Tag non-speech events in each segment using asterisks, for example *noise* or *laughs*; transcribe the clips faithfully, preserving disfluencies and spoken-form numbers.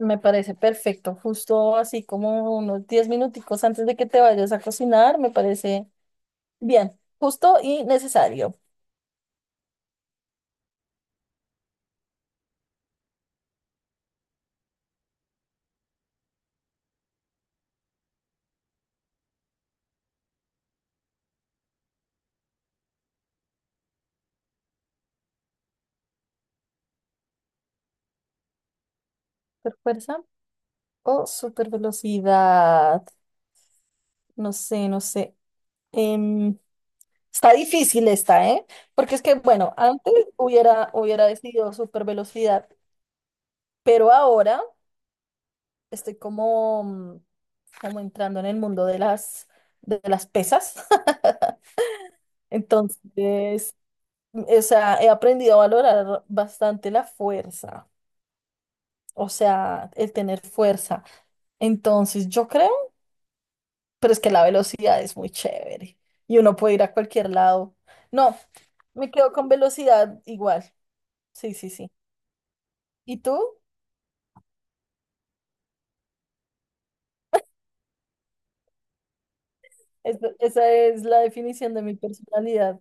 Me parece perfecto, justo así como unos diez minuticos antes de que te vayas a cocinar, me parece bien, justo y necesario. ¿Super fuerza o super velocidad? No sé, no sé. Em, está difícil esta, ¿eh? Porque es que, bueno, antes hubiera, hubiera decidido super velocidad, pero ahora estoy como, mm, como entrando en el mundo de las, de las pesas. *laughs* Entonces, o sea, he aprendido a valorar bastante la fuerza, o sea, el tener fuerza. Entonces, yo creo, pero es que la velocidad es muy chévere y uno puede ir a cualquier lado. No, me quedo con velocidad igual. Sí, sí, sí. ¿Y tú? Es- esa es la definición de mi personalidad,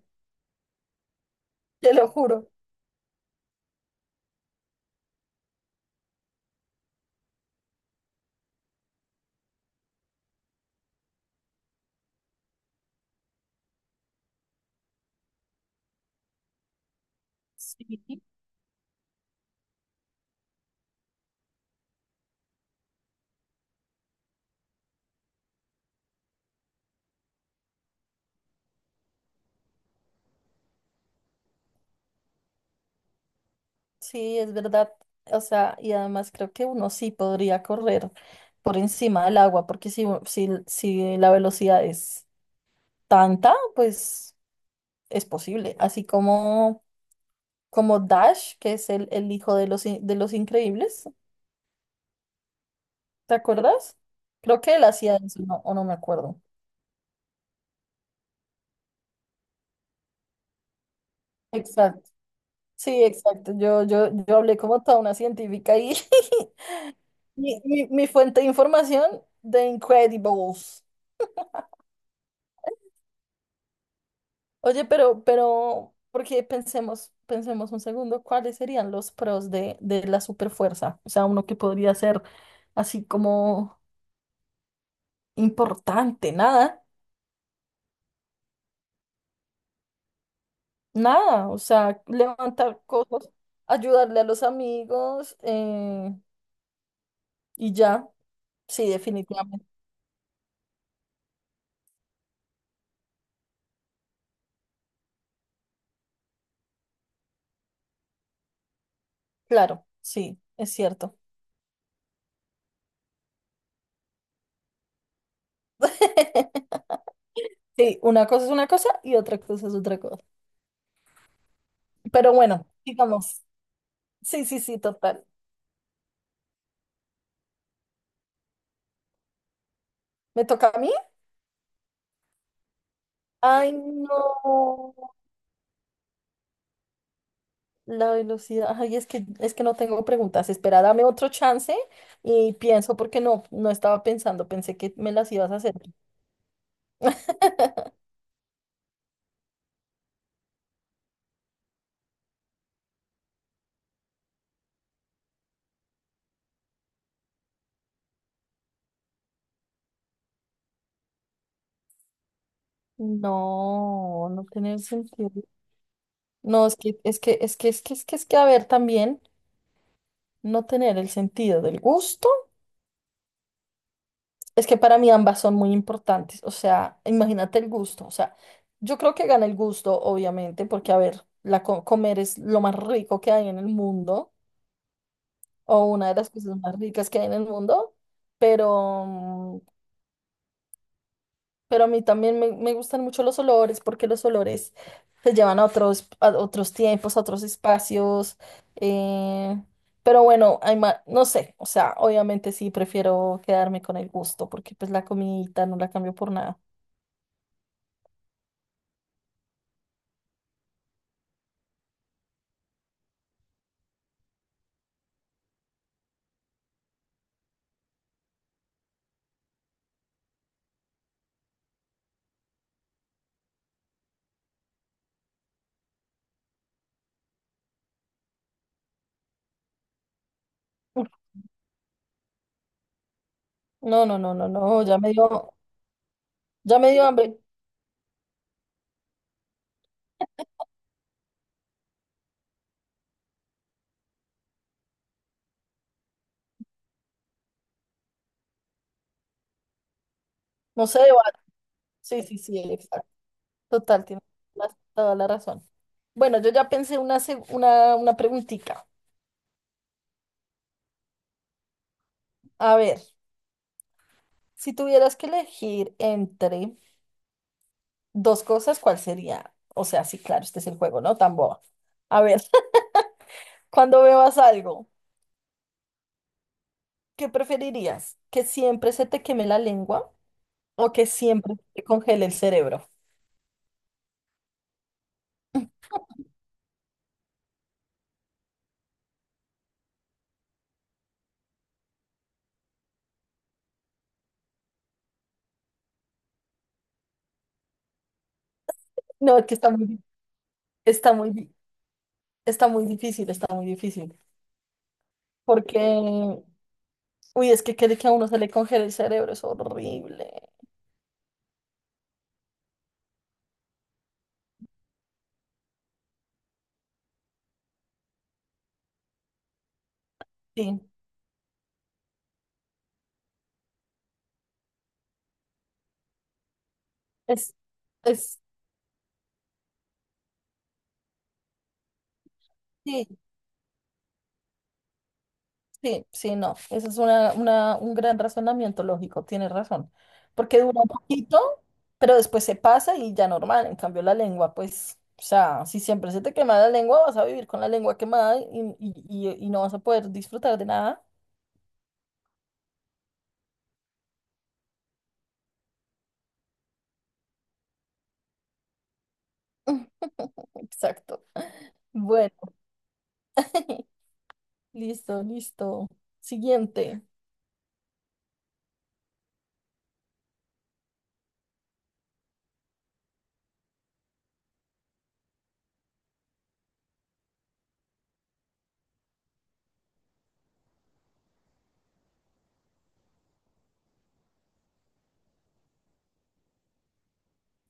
te lo juro. Sí, sí, es verdad. O sea, y además creo que uno sí podría correr por encima del agua, porque si, si, si la velocidad es tanta, pues es posible. Así como, como Dash, que es el, el hijo de los, in- de los Increíbles, ¿te acuerdas? Creo que él hacía eso, no, o no me acuerdo. Exacto. Sí, exacto. Yo, yo, yo hablé como toda una científica y *laughs* mi, mi- mi fuente de información de Incredibles. Oye, pero, pero, porque pensemos, pensemos un segundo, ¿cuáles serían los pros de, de la superfuerza? O sea, uno que podría ser así como. Importante, nada, nada, o sea, levantar cosas, ayudarle a los amigos eh, y ya, sí, definitivamente, claro, sí, es cierto. *laughs* Sí, una cosa es una cosa y otra cosa es otra cosa. Pero bueno, digamos, sí, sí, sí, total. ¿Me toca a mí? Ay, no, la velocidad, ay, es que, es que no tengo preguntas, espera, dame otro chance y pienso porque no, no estaba pensando, pensé que me las ibas a hacer. No, no tener sentido. No, es que, es que, es que, es que, es que, es que, a ver, también no tener el sentido del gusto. Es que para mí ambas son muy importantes. O sea, imagínate el gusto. O sea, yo creo que gana el gusto, obviamente, porque, a ver, la co- comer es lo más rico que hay en el mundo, o una de las cosas más ricas que hay en el mundo, pero Pero a mí también me, me gustan mucho los olores porque los olores se llevan a otros, a otros tiempos, a otros espacios. Eh, pero bueno, hay ma- no sé, o sea, obviamente sí prefiero quedarme con el gusto porque pues la comidita no la cambio por nada. Uf, no, no, no, no, no, ya me dio, ya me dio hambre. No se debate. Sí, sí, sí, exacto. Total, tienes la- toda la razón. Bueno, yo ya pensé una, seg- una, una preguntita. A ver, si tuvieras que elegir entre... Dos cosas, ¿cuál sería? O sea, sí, claro, este es el juego, ¿no? Tan boba. A ver, *laughs* cuando bebas algo, ¿qué preferirías? ¿Que siempre se te queme la lengua o que siempre te congele el cerebro? No, es que está muy, di- está muy, di- está muy difícil, está muy difícil. Porque, uy, es que quiere que a uno se le congele el cerebro, es horrible. Sí, es, es, sí, sí, sí, no. Ese es una, una- un gran razonamiento lógico, tienes razón. Porque dura un poquito, pero después se pasa y ya normal. En cambio, la lengua, pues, o sea, si siempre se te quema la lengua, vas a vivir con la lengua quemada y, y, y- y no vas a poder disfrutar de nada. Exacto. Bueno, *laughs* listo, listo. Siguiente.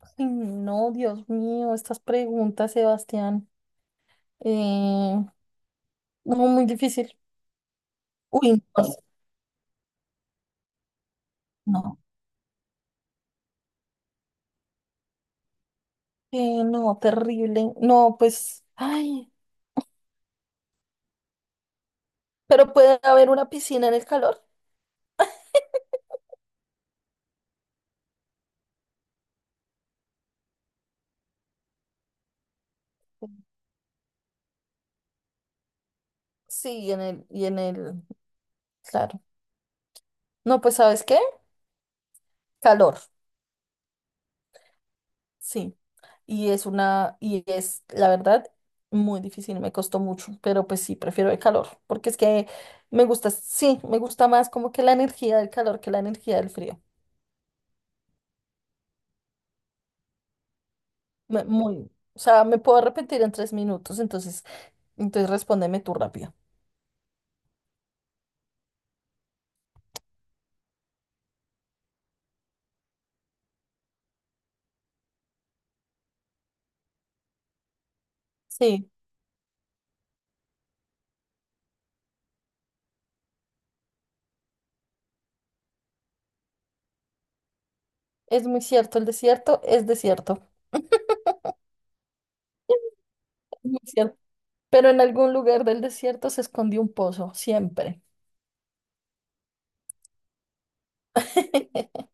Ay, no, Dios mío, estas preguntas, Sebastián. Eh, no, muy difícil. Uy, no. No. Eh, no, terrible. No, pues, ay, pero puede haber una piscina en el calor. Sí, y en el, y en el, claro. No, pues, ¿sabes qué? Calor, sí. Y es una, y es, la verdad, muy difícil, me costó mucho, pero pues sí, prefiero el calor, porque es que me gusta, sí, me gusta más como que la energía del calor que la energía del frío. Me- muy, o sea, me puedo arrepentir en tres minutos, entonces, entonces respóndeme tú rápido. Sí, es muy cierto, el desierto es desierto. Muy cierto. Pero en algún lugar del desierto se escondió un pozo, siempre. *laughs*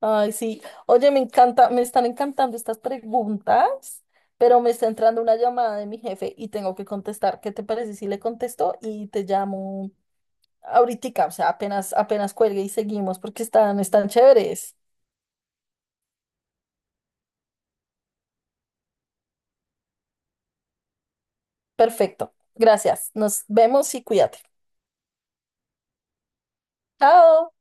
Ay, sí. Oye, me encanta, me están encantando estas preguntas, pero me está entrando una llamada de mi jefe y tengo que contestar. ¿Qué te parece si le contesto y te llamo ahorita? O sea, apenas, apenas cuelgue y seguimos porque están, están chéveres. Perfecto. Gracias. Nos vemos y cuídate. Chao.